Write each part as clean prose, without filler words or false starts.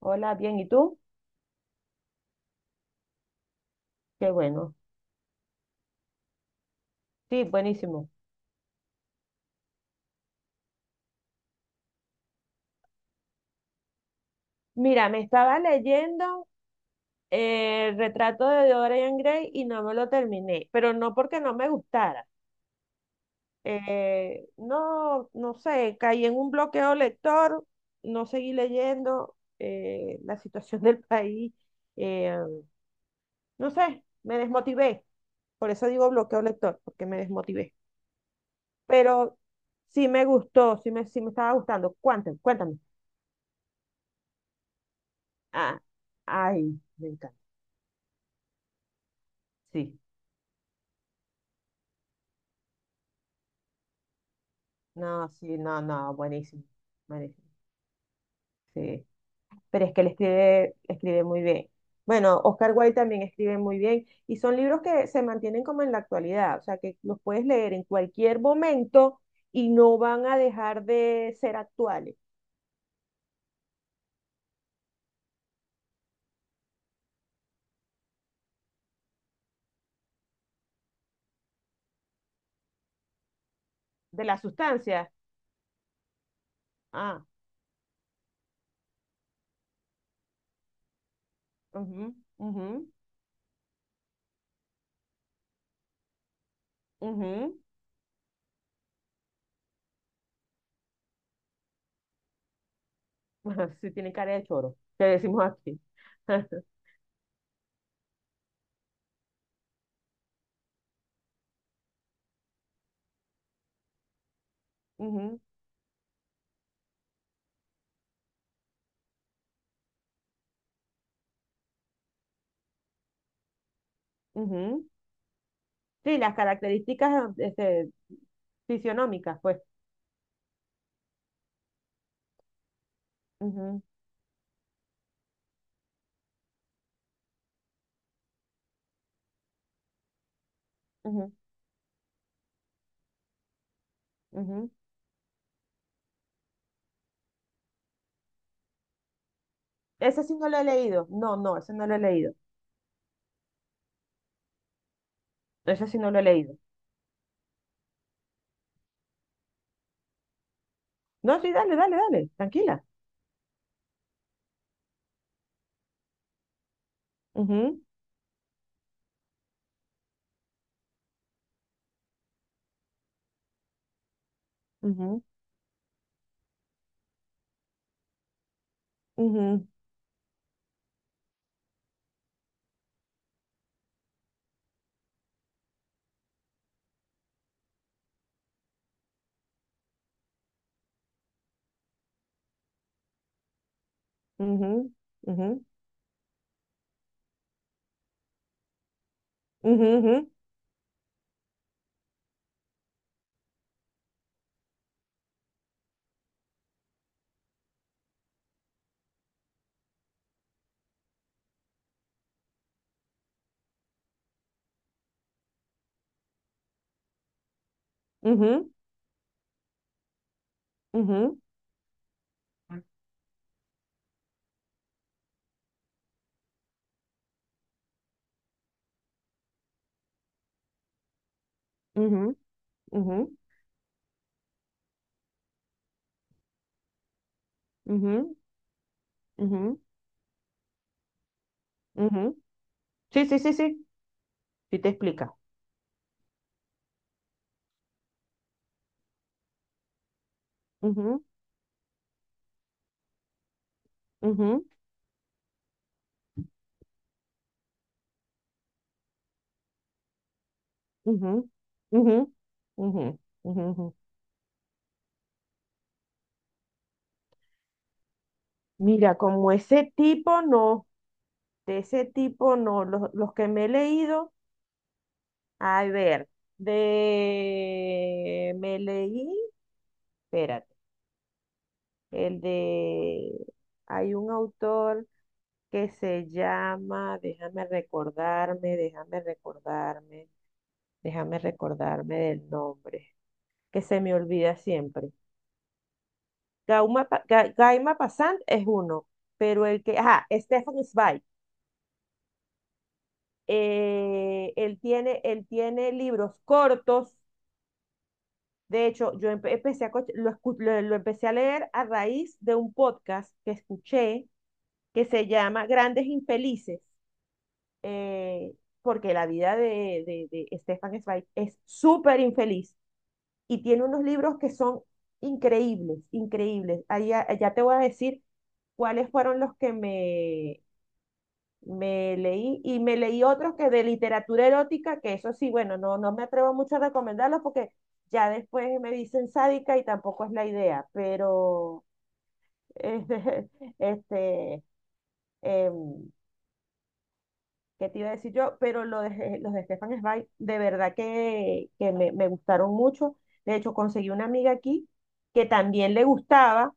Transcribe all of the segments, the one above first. Hola, bien, ¿y tú? Qué bueno. Sí, buenísimo. Mira, me estaba leyendo el retrato de Dorian Gray y no me lo terminé, pero no porque no me gustara. No, no sé, caí en un bloqueo lector, no seguí leyendo la situación del país, eh, no sé, me desmotivé. Por eso digo bloqueo lector, porque me desmotivé. Pero sí me gustó, sí me estaba gustando. Cuéntame, cuéntame. Ah, ay, me encanta. Sí, no, sí, no, no, buenísimo, buenísimo, sí. Pero es que él escribe, escribe muy bien. Bueno, Oscar Wilde también escribe muy bien y son libros que se mantienen como en la actualidad, o sea, que los puedes leer en cualquier momento y no van a dejar de ser actuales. De la sustancia. Ah, mhm, mhm, mhm. Sí, tienen cara de choro, que decimos aquí. Ujú, ujú. Sí, las características este, fisionómicas, pues. Ujú, ujú, ujú. Ese sí no lo he leído. No, no, ese no lo he leído. Ese sí no lo he leído. No, sí, dale, dale, dale, tranquila. Ujú, ujú, ujú, ujú, ujú, ujú, ujú, ujú, ujú, ujú, ujú, ujú, ujú. Sí, sí, sí, sí. Sí te explica. Ujú, ujú, ujú, ujú, ujú, ujú, ujú. Mira, como ese tipo no, de ese tipo no, los que me he leído. A ver, de... Me leí, espérate, el de... Hay un autor que se llama, déjame recordarme del nombre, que se me olvida siempre. Gaima Passant es uno, pero el que, ajá, Stefan Zweig. Él tiene libros cortos. De hecho, yo empe- empecé a, co- lo, escu- lo empecé a leer a raíz de un podcast que escuché que se llama Grandes Infelices, eh, porque la vida de Stefan Zweig es súper infeliz y tiene unos libros que son increíbles, increíbles. Ahí ya, ya te voy a decir cuáles fueron los que me leí, y me leí otros que de literatura erótica, que eso sí, bueno, no, no me atrevo mucho a recomendarlos porque ya después me dicen sádica y tampoco es la idea, pero este, este em, ¿qué te iba a decir yo? Pero los de Stefan Zweig, de verdad que, me, gustaron mucho. De hecho, conseguí una amiga aquí que también le gustaba,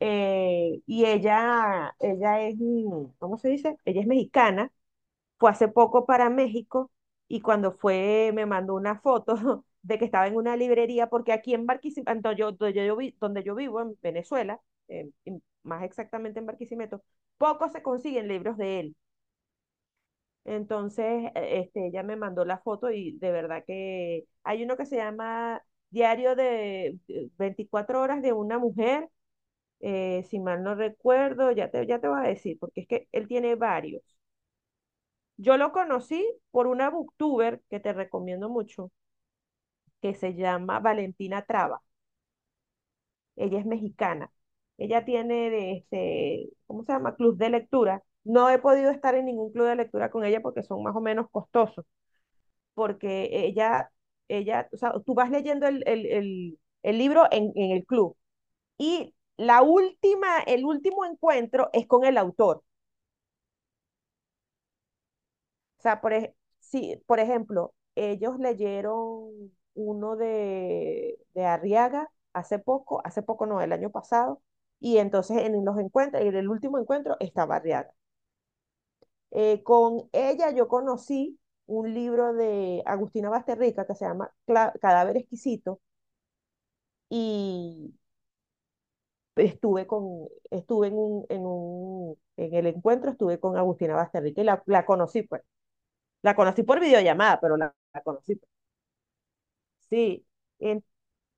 y ella es, ¿cómo se dice? Ella es mexicana. Fue hace poco para México y cuando fue me mandó una foto de que estaba en una librería, porque aquí en Barquisimeto, yo, donde, yo vi- donde yo vivo, en Venezuela, más exactamente en Barquisimeto, pocos se consiguen libros de él. Entonces, este, ella me mandó la foto y de verdad que hay uno que se llama Diario de 24 horas de una mujer, si mal no recuerdo, ya te voy a decir, porque es que él tiene varios. Yo lo conocí por una booktuber que te recomiendo mucho, que se llama Valentina Traba. Ella es mexicana. Ella tiene de este, ¿cómo se llama? Club de lectura. No he podido estar en ningún club de lectura con ella porque son más o menos costosos, porque ella, o sea, tú vas leyendo el libro en el club, y la última, el último encuentro es con el autor. O sea, sí, por ejemplo, ellos leyeron uno de Arriaga hace poco no, el año pasado, y entonces en los encuentros, en el último encuentro estaba Arriaga. Con ella yo conocí un libro de Agustina Basterrica que se llama Cadáver Exquisito, y estuve en el encuentro, estuve con Agustina Basterrica y la conocí, pues, la conocí por videollamada, pero la conocí. Sí, en-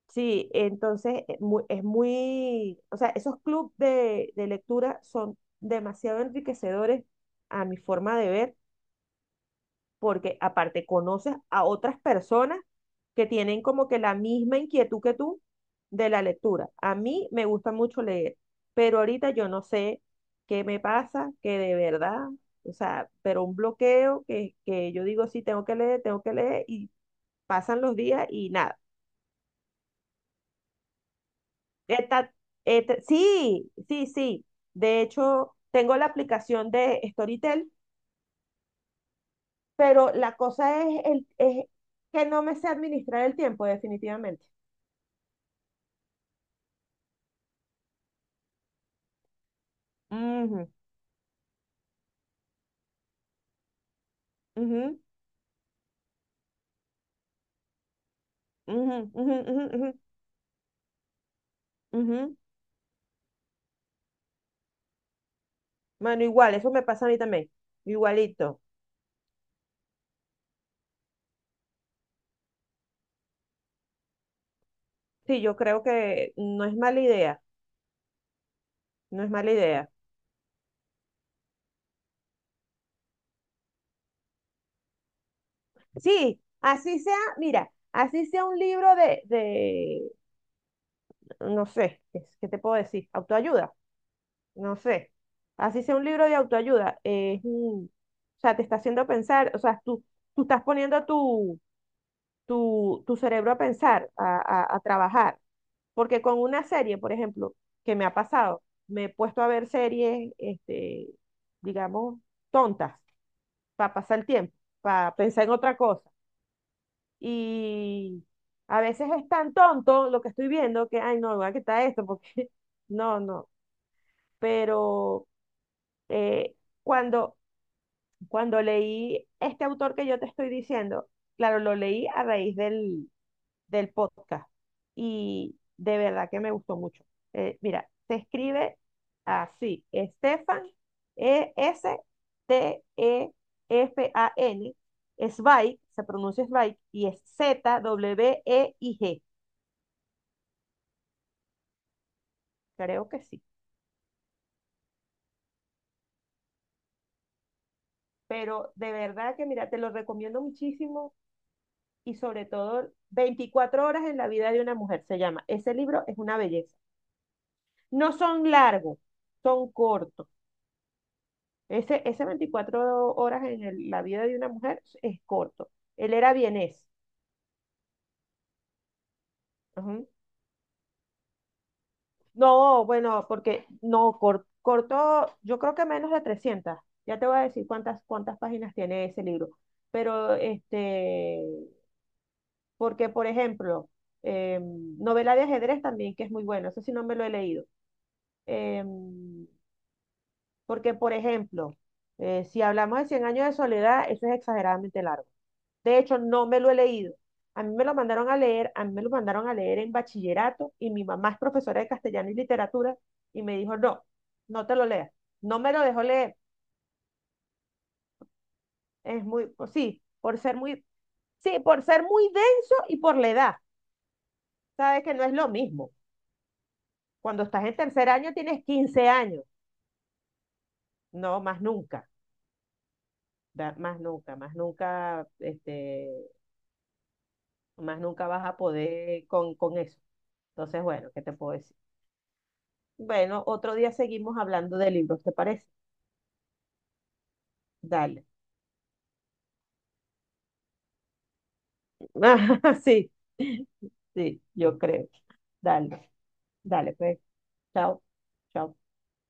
sí, entonces es muy, o sea, esos clubes de lectura son demasiado enriquecedores a mi forma de ver, porque aparte conoces a otras personas que tienen como que la misma inquietud que tú de la lectura. A mí me gusta mucho leer, pero ahorita yo no sé qué me pasa, que de verdad, o sea, pero un bloqueo que yo digo, sí, tengo que leer, y pasan los días y nada. Eta- sí, sí, sí. De hecho, tengo la aplicación de Storytel, pero la cosa es, es que no me sé administrar el tiempo, definitivamente. Ujú, ujú, ujú, ujú, ujú, ujú, ujú. Bueno, igual, eso me pasa a mí también. Igualito. Sí, yo creo que no es mala idea. No es mala idea. Sí, así sea, mira, así sea un libro de, no sé, qué te puedo decir? Autoayuda. No sé, así sea un libro de autoayuda, es, o sea, te está haciendo pensar, o sea, tú estás poniendo tu cerebro a pensar, a trabajar, porque con una serie, por ejemplo, que me ha pasado, me he puesto a ver series, este, digamos, tontas, para pasar el tiempo, para pensar en otra cosa, y a veces es tan tonto lo que estoy viendo que, ay, no, voy a quitar esto, porque, no, no, pero, eh, cuando cuando leí este autor que yo te estoy diciendo, claro, lo leí a raíz del podcast, y de verdad que me gustó mucho. Mira, se escribe así: Stefan, Estefan. Zweig, se pronuncia Zweig, y es Zweig, creo que sí. Pero de verdad que, mira, te lo recomiendo muchísimo, y sobre todo 24 horas en la vida de una mujer se llama. Ese libro es una belleza. No son largos, son cortos. Ese 24 horas en la vida de una mujer es corto. Él era vienés. Ujú. No, bueno, porque no, corto, yo creo que menos de 300. Ya te voy a decir cuántas páginas tiene ese libro. Pero, este, porque, por ejemplo, novela de ajedrez también, que es muy bueno, eso sí no me lo he leído. Em, porque, por ejemplo, si hablamos de Cien años de soledad, eso es exageradamente largo. De hecho, no me lo he leído. A mí me lo mandaron a leer, a mí me lo mandaron a leer en bachillerato, y mi mamá es profesora de castellano y literatura y me dijo, no, no te lo leas. No me lo dejó leer. Es muy, pues sí, por ser muy, sí, por ser muy denso y por la edad. Sabes que no es lo mismo. Cuando estás en tercer año tienes 15 años. No, más nunca, más nunca, más nunca, este, más nunca vas a poder con eso. Entonces, bueno, ¿qué te puedo decir? Bueno, otro día seguimos hablando de libros, ¿te parece? Dale. Sí, sí, yo creo. Dale, dale, pues. Chao, chao.